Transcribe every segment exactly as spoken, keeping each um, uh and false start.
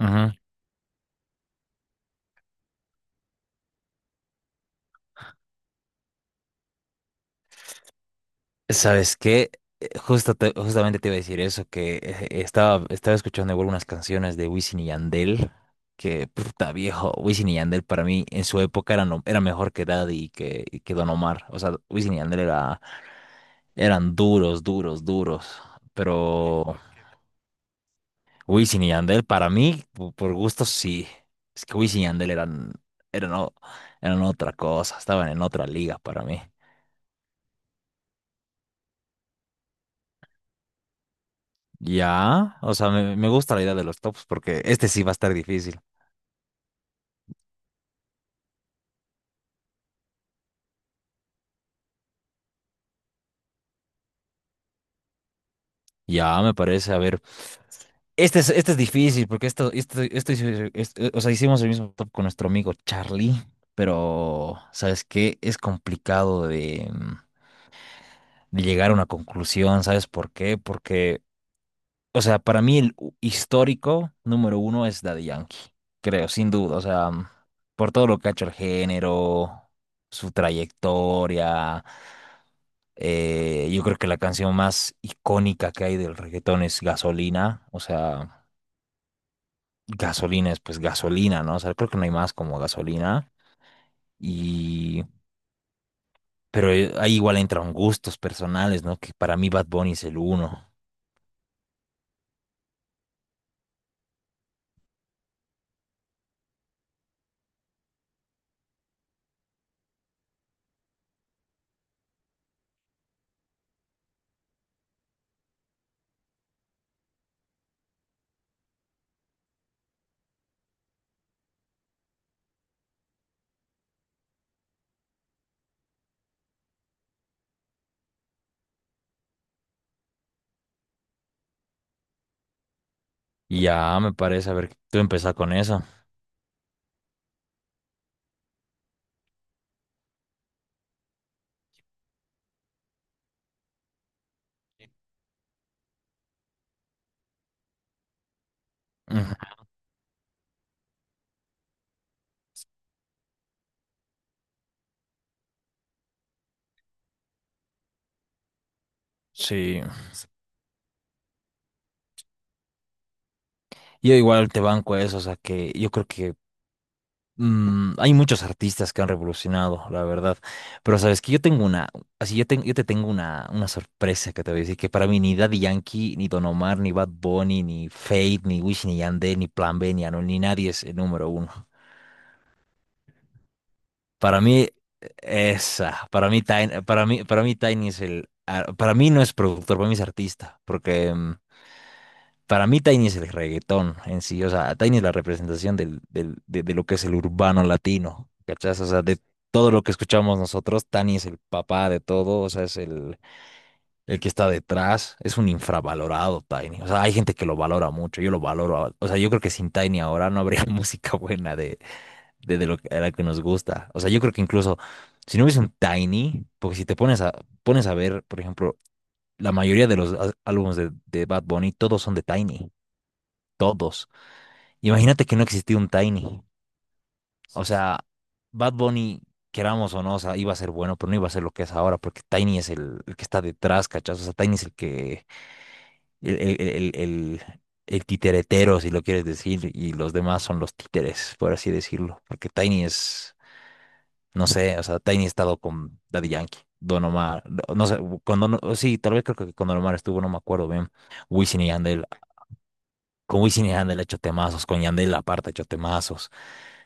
Ujú. ¿Sabes qué? Eh, Justo te- justamente te iba a decir eso, que eh, estaba, estaba escuchando igual unas canciones de Wisin y Yandel, que puta viejo, Wisin y Yandel para mí en su época eran, lo- era mejor que Daddy y que, y que Don Omar. O sea, Wisin y Yandel era, eran duros, duros, duros. Pero Wisin y Yandel para mí, po- por gusto sí. Es que Wisin y Yandel eran, eran, o- eran otra cosa, estaban en otra liga para mí. Ya, o sea, me, me gusta la idea de los tops porque este sí va a estar difícil. Ya, me parece, a ver, este es, este es difícil porque esto, esto, esto, hice- este- o sea, hicimos el mismo top con nuestro amigo Charlie, pero, ¿sabes qué? Es complicado de, mm, de llegar a una conclusión, ¿sabes por qué? Porque O sea, para mí el u- histórico número uno es Daddy Yankee, creo, sin duda. O sea, mm, por todo lo que ha hecho el género, su trayectoria. Eh, yo creo que la canción más icónica que hay del reggaetón es Gasolina. O sea, gasolina es pues gasolina, ¿no? O sea, creo que no hay más como gasolina. Y... Pero eh, ahí igual entran gustos personales, ¿no? Que para mí Bad Bunny es el uno. Y ya me parece, a ver, tú empezás con eso. Ujú. Sí. Yo igual te banco a eso, o sea que yo creo que mm, hay muchos artistas que han revolucionado, la verdad. Pero sabes que yo tengo una, así yo, ten- yo te tengo una, una sorpresa que te voy a decir, que para mí ni Daddy Yankee, ni Don Omar, ni Bad Bunny, ni Fate, ni Wisin ni Yandé, ni Plan B, ni Anuel, ni nadie es el número uno. Para mí, esa, para mí Tiny, para mí, para mí Tiny es el, ah, para mí no es productor, para mí es artista, porque mm, para mí Tiny es el reggaetón en sí, o sea, Tiny es la representación del, del- de, de lo que es el urbano latino, ¿cachás? O sea, de todo lo que escuchamos nosotros, Tiny es el papá de todo, o sea, es el, el que está detrás, es un infravalorado Tiny, o sea, hay gente que lo valora mucho, yo lo valoro, a- o sea, yo creo que sin Tiny ahora no habría música buena de, de, de lo que, a la que nos gusta, o sea, yo creo que incluso si no hubiese un Tiny, porque si te pones a, pones a ver, por ejemplo, la mayoría de los á- álbumes de, de Bad Bunny, todos son de Tiny, todos. Imagínate que no existía un Tiny. O sea, Bad Bunny, queramos o no, o sea, iba a ser bueno, pero no iba a ser lo que es ahora, porque Tiny es el, el que está detrás, ¿cachas? O sea, Tiny es el que, el, el, el, el- el titeretero, si lo quieres decir, y los demás son los títeres, por así decirlo. Porque Tiny es, no sé, o sea, Tiny ha estado con Daddy Yankee, Don Omar, no, no sé, con Don, sí, tal vez creo que con Don Omar estuvo, no me acuerdo bien. Wisin y Yandel, con Wisin y Yandel ha hecho temazos, con Yandel aparte ha hecho temazos.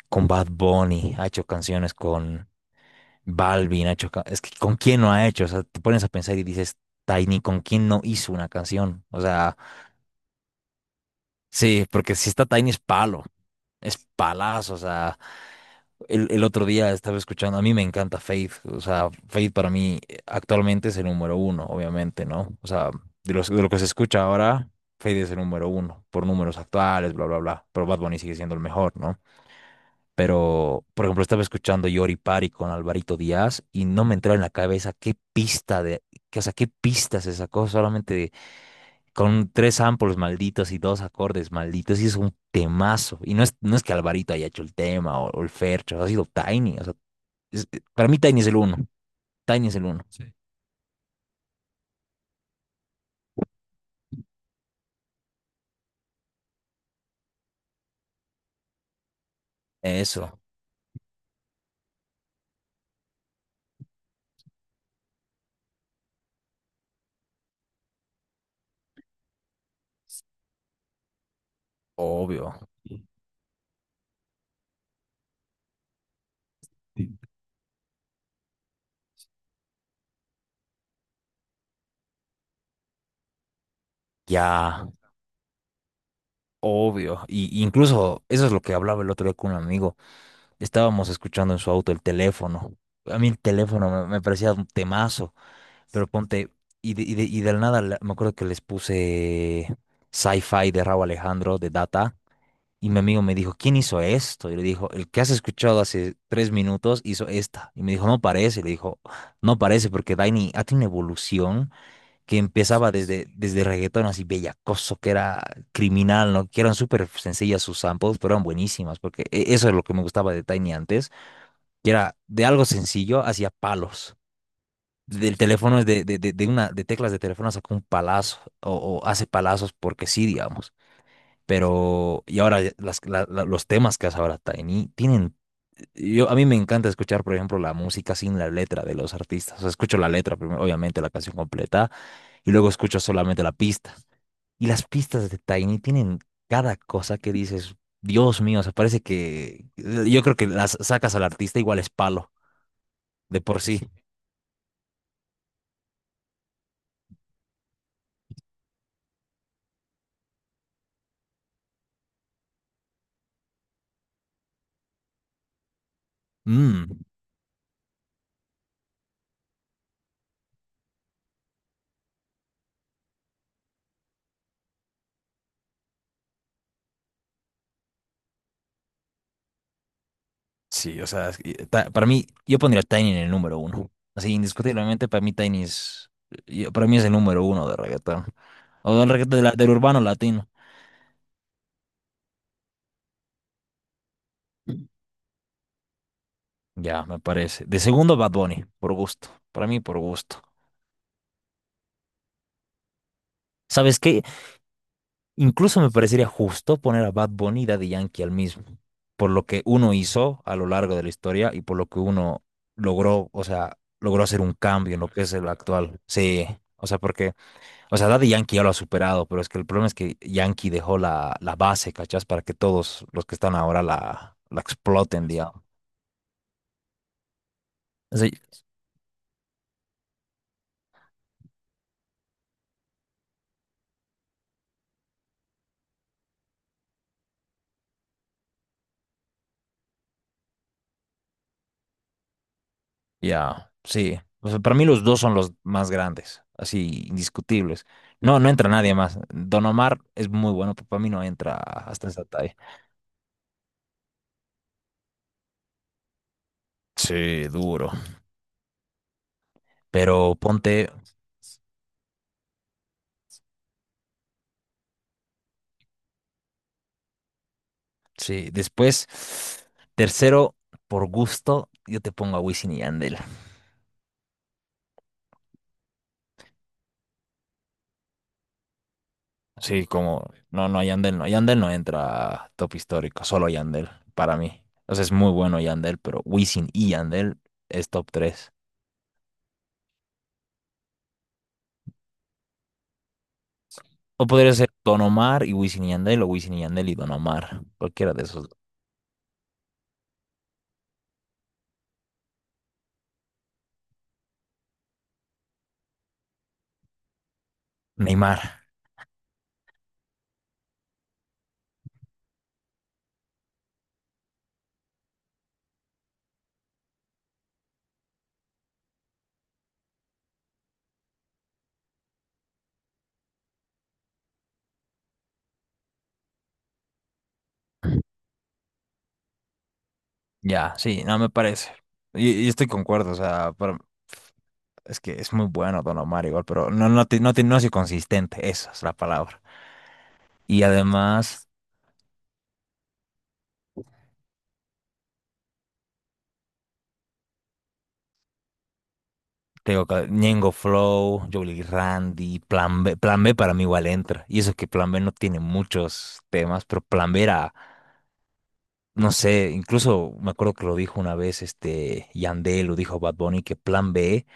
Con Bad Bunny, ha hecho canciones con Balvin, ha hecho... ca- Es que ¿con quién no ha hecho? O sea, te pones a pensar y dices, Tiny, ¿con quién no hizo una canción? O sea, sí, porque si está Tiny es palo, es palazo, o sea... El, el otro día estaba escuchando, a mí me encanta Faith, o sea, Faith para mí eh, actualmente es el número uno, obviamente, ¿no? O sea, de, los, de lo que se escucha ahora, Faith es el número uno, por números actuales, bla, bla, bla, pero Bad Bunny sigue siendo el mejor, ¿no? Pero, por ejemplo, estaba escuchando Yori Pari con Alvarito Díaz y no me entraba en la cabeza qué pista de, que, o sea, qué pista se sacó solamente de- con tres samples malditos y dos acordes malditos y es un temazo. Y no es, no es que Alvarito haya hecho el tema o, o el Fercho, ha sido Tiny. O sea, es- eh, para mí Tiny es el uno. Tiny es el uno. Sí. Eso, obvio. Sí. Ya, obvio. Y y incluso eso es lo que hablaba el otro día con un amigo. Estábamos escuchando en su auto el teléfono. A mí el teléfono me, me parecía un temazo, pero ponte, y de, y de- y del nada la- me acuerdo que les puse Sci-Fi de Raúl Alejandro, de Data, y mi amigo me dijo, ¿quién hizo esto? Y le dijo, el que has escuchado hace tres minutos hizo esta. Y me dijo, no parece, le dijo, no parece, porque Daini ha tenido una evolución que empezaba desde, desde reggaetón así bellacoso, que era criminal, ¿no? Que eran súper sencillas sus samples, pero eran buenísimas, porque e- eso es lo que me gustaba de Tiny antes que era de algo sencillo hacia palos. Del teléfono, de, de, de, de una, de teclas de teléfono sacó un palazo o, o hace palazos porque sí, digamos. Pero, y ahora las- la- la- los temas que hace ahora Tiny tienen, yo, a mí me encanta escuchar, por ejemplo, la música sin la letra de los artistas. O sea, escucho la letra primero, obviamente la canción completa, y luego escucho solamente la pista. Y las pistas de Tiny tienen cada cosa que dices, Dios mío, o sea, parece que yo creo que las sacas al artista igual es palo, de por sí. Mm, sí, o sea, es que, eh, ta- para mí, yo pondría Tiny en el número uno. Así, indiscutiblemente, para mí Tiny es, yo- para mí es el número uno de reggaetón. O del reggaetón de la- del urbano latino. Ya, me parece. De segundo, Bad Bunny, por gusto. Para mí, por gusto. ¿Sabes qué? Incluso me parecería justo poner a Bad Bunny y Daddy Yankee al mismo. Por lo que uno hizo a lo largo de la historia y por lo que uno logró, o sea, logró hacer un cambio en lo que es el actual. Sí, o sea, porque O sea, Daddy Yankee ya lo ha superado, pero es que el problema es que Yankee dejó la, la base, ¿cachás? Para que todos los que están ahora la, la exploten, digamos. O ya, sí. O sea, para mí los dos son los más grandes, así, indiscutibles. No, no entra nadie más. Don Omar es muy bueno, pero para mí no entra hasta esa talla. Sí, duro. Pero ponte, sí, después, tercero, por gusto, yo te pongo a Wisin y Yandel. Sí, como no, no, Yandel no. Yandel no entra a top histórico, solo Yandel, para mí. O sea, es muy bueno Yandel, pero Wisin y Yandel es top tres. O podría ser Don Omar y Wisin y Yandel, o Wisin y Yandel y Don Omar, cualquiera de esos. Dos. Neymar, ya, sí, no me parece. Y, y estoy concuerdo, o sea, pero es que es muy bueno Don Omar igual, pero no, no, te- no, te- no ha sido consistente, esa es la palabra. Y además. Tengo ca- Ñengo Flow, Jolly Randy, Plan B. Plan B para mí igual entra. Y eso que Plan B no tiene muchos temas, pero Plan B era, no sé, incluso me acuerdo que lo dijo una vez este Yandel, lo dijo Bad Bunny, que Plan B,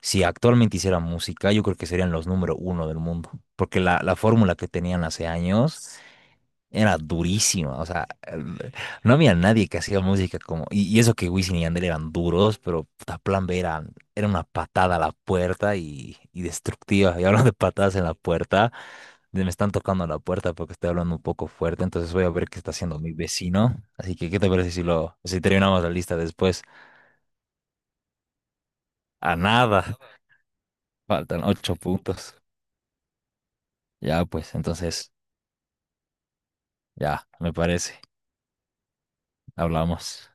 si actualmente hiciera música, yo creo que serían los número uno del mundo. Porque la, la fórmula que tenían hace años era durísima, o sea, el- no había nadie que hacía música como, y, y eso que Wisin y Yandel eran duros, pero puta, Plan B era, era una patada a la puerta y, y destructiva. Y hablando de patadas en la puerta, de- me están tocando la puerta porque estoy hablando un poco fuerte, entonces voy a ver qué está haciendo mi vecino. Así que, ¿qué te parece si lo, si terminamos la lista después? A nada, faltan ocho puntos. Ya, pues, entonces, ya, me parece, hablamos.